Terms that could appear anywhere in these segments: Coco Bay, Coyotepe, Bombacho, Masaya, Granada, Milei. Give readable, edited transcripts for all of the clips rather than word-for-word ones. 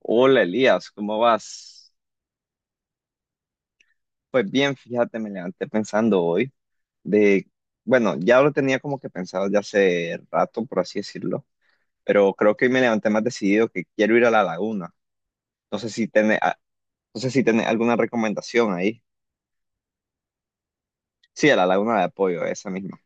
Hola Elías, ¿cómo vas? Pues bien, fíjate, me levanté pensando hoy de, bueno, ya lo tenía como que pensado ya hace rato, por así decirlo, pero creo que hoy me levanté más decidido que quiero ir a la laguna. No sé si tiene, no sé si tiene alguna recomendación ahí. Sí, a la laguna de apoyo, esa misma.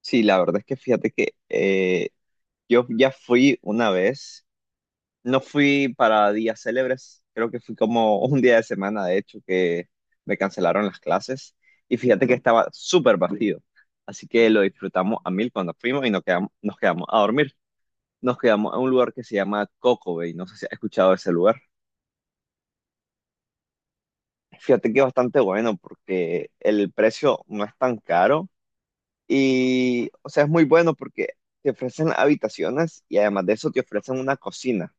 Sí, la verdad es que fíjate que yo ya fui una vez. No fui para días célebres, creo que fui como un día de semana, de hecho, que me cancelaron las clases y fíjate que estaba súper vacío, así que lo disfrutamos a mil cuando fuimos y nos quedamos a dormir. Nos quedamos a un lugar que se llama Coco Bay, no sé si has escuchado de ese lugar. Fíjate que es bastante bueno porque el precio no es tan caro y, o sea, es muy bueno porque te ofrecen habitaciones y además de eso te ofrecen una cocina.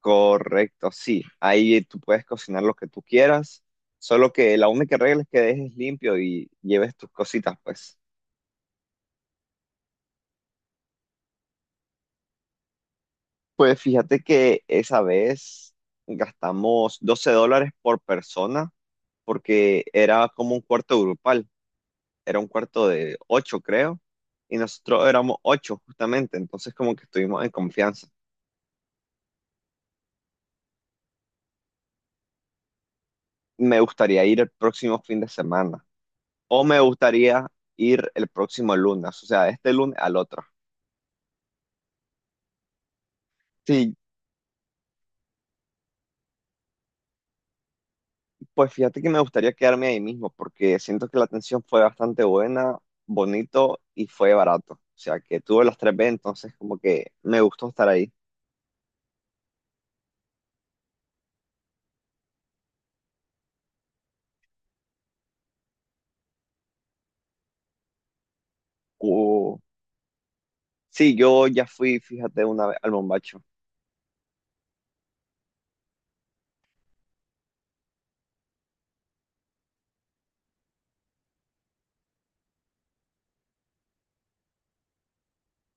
Correcto, sí. Ahí tú puedes cocinar lo que tú quieras, solo que la única regla es que dejes limpio y lleves tus cositas, pues. Pues fíjate que esa vez gastamos $12 por persona porque era como un cuarto grupal, era un cuarto de 8, creo, y nosotros éramos 8 justamente, entonces como que estuvimos en confianza. Me gustaría ir el próximo fin de semana o me gustaría ir el próximo lunes, o sea, este lunes al otro. Sí. Pues fíjate que me gustaría quedarme ahí mismo porque siento que la atención fue bastante buena, bonito y fue barato. O sea, que tuve las tres B, entonces como que me gustó estar ahí. Uh, sí, yo ya fui, fíjate, una vez al Bombacho.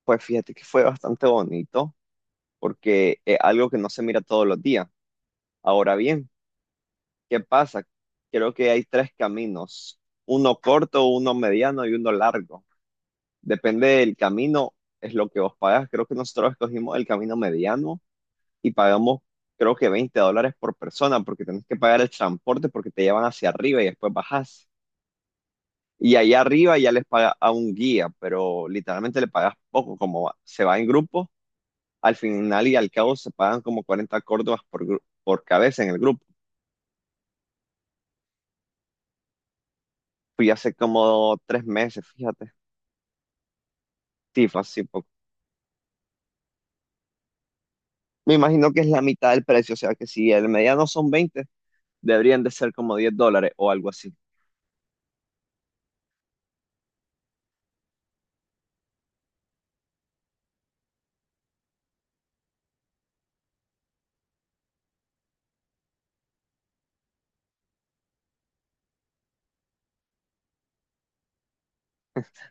Pues fíjate que fue bastante bonito porque es algo que no se mira todos los días. Ahora bien, ¿qué pasa? Creo que hay tres caminos, uno corto, uno mediano y uno largo. Depende del camino, es lo que vos pagas. Creo que nosotros escogimos el camino mediano y pagamos creo que $20 por persona porque tenés que pagar el transporte porque te llevan hacia arriba y después bajás. Y allá arriba ya les paga a un guía, pero literalmente le pagas poco, como se va en grupo, al final y al cabo se pagan como 40 córdobas por, por cabeza en el grupo. Fui hace como 3 meses, fíjate. Sí, fue así poco. Me imagino que es la mitad del precio, o sea que si el mediano son veinte, deberían de ser como $10 o algo así.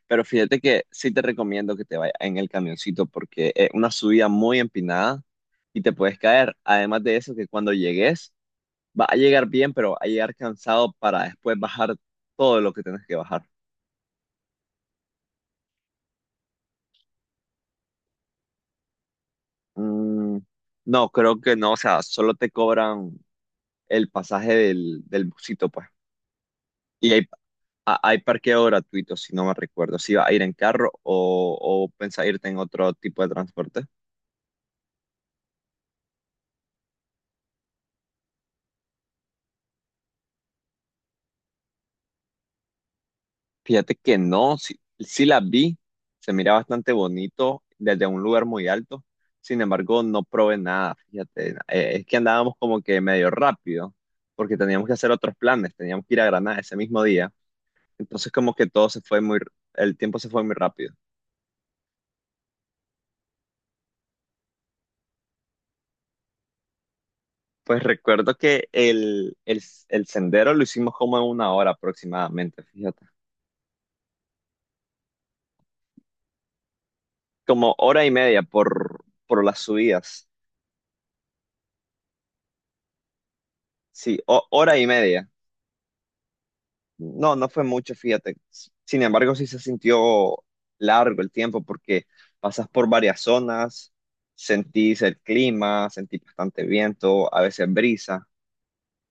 Pero fíjate que sí te recomiendo que te vayas en el camioncito porque es una subida muy empinada y te puedes caer. Además de eso, que cuando llegues, vas a llegar bien, pero vas a llegar cansado para después bajar todo lo que tienes que bajar. Mm, no, creo que no. O sea, solo te cobran el pasaje del busito, pues. Y hay, hay parqueo gratuito, si no me recuerdo. Si vas a ir en carro o pensás irte en otro tipo de transporte. Fíjate que no, sí, sí la vi, se mira bastante bonito desde un lugar muy alto, sin embargo no probé nada, fíjate, es que andábamos como que medio rápido, porque teníamos que hacer otros planes, teníamos que ir a Granada ese mismo día, entonces como que todo se fue muy, el tiempo se fue muy rápido. Pues recuerdo que el sendero lo hicimos como en una hora aproximadamente, fíjate, como hora y media por las subidas, sí, hora y media. No, no fue mucho, fíjate. Sin embargo, sí se sintió largo el tiempo porque pasas por varias zonas, sentís el clima, sentís bastante viento, a veces brisa.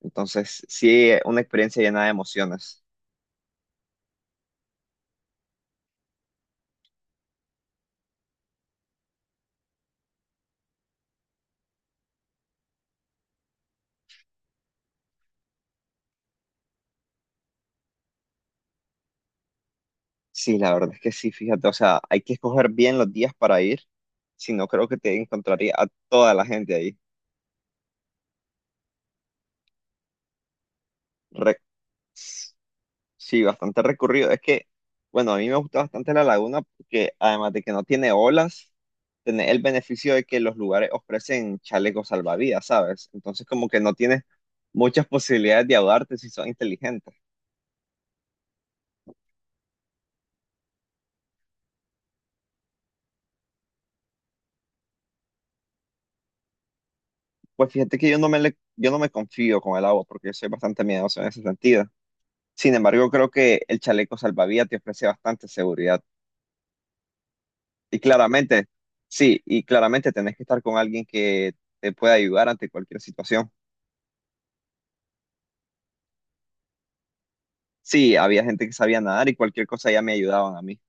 Entonces, sí, una experiencia llena de emociones. Sí, la verdad es que sí, fíjate. O sea, hay que escoger bien los días para ir, si no creo que te encontraría a toda la gente ahí. Re- Sí, bastante recorrido. Es que, bueno, a mí me gusta bastante la laguna porque además de que no tiene olas, tiene el beneficio de que los lugares ofrecen chalecos salvavidas, ¿sabes? Entonces como que no tienes muchas posibilidades de ahogarte si son inteligentes. Pues fíjate que yo no me, yo no me confío con el agua porque yo soy bastante miedoso en ese sentido. Sin embargo, creo que el chaleco salvavidas te ofrece bastante seguridad. Y claramente, sí, y claramente tenés que estar con alguien que te pueda ayudar ante cualquier situación. Sí, había gente que sabía nadar y cualquier cosa ya me ayudaban a mí.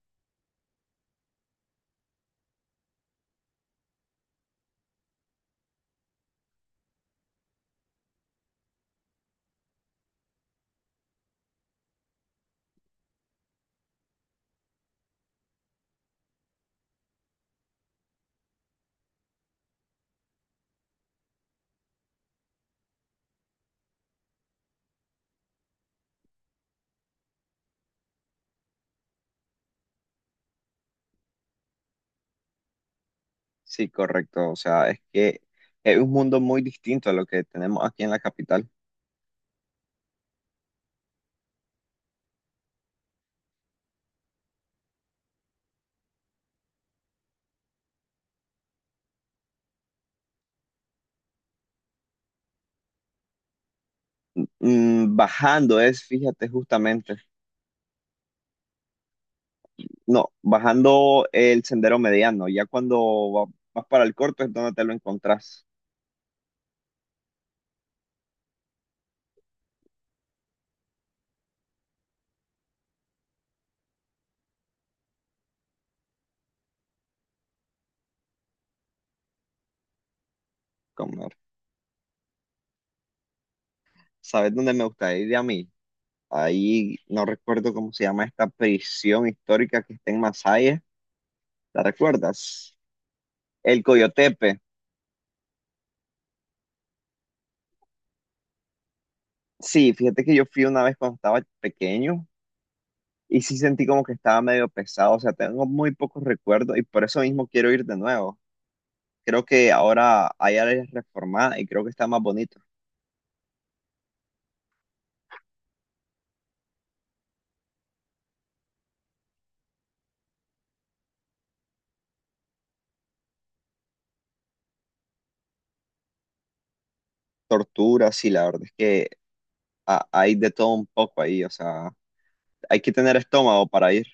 Sí, correcto. O sea, es que es un mundo muy distinto a lo que tenemos aquí en la capital. Mm, bajando es, fíjate, justamente. No, bajando el sendero mediano. Ya cuando va- vas para el corto es donde te lo encontrás. Como, ¿sabes dónde me gusta ir a mí? Ahí no recuerdo cómo se llama esta prisión histórica que está en Masaya. ¿La recuerdas? El Coyotepe. Sí, fíjate que yo fui una vez cuando estaba pequeño. Y sí sentí como que estaba medio pesado, o sea, tengo muy pocos recuerdos y por eso mismo quiero ir de nuevo. Creo que ahora hay áreas reformadas y creo que está más bonito. Tortura, sí, la verdad es que hay de todo un poco ahí, o sea, hay que tener estómago para ir,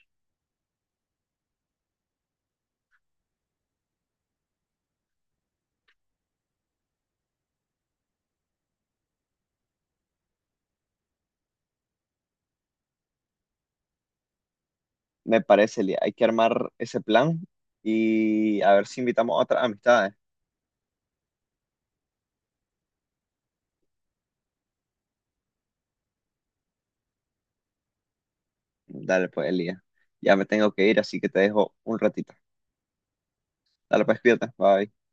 me parece, Lía. Hay que armar ese plan y a ver si invitamos a otras amistades. Dale, pues, Elías. Ya me tengo que ir, así que te dejo un ratito. Dale, pues, cuídate. Bye.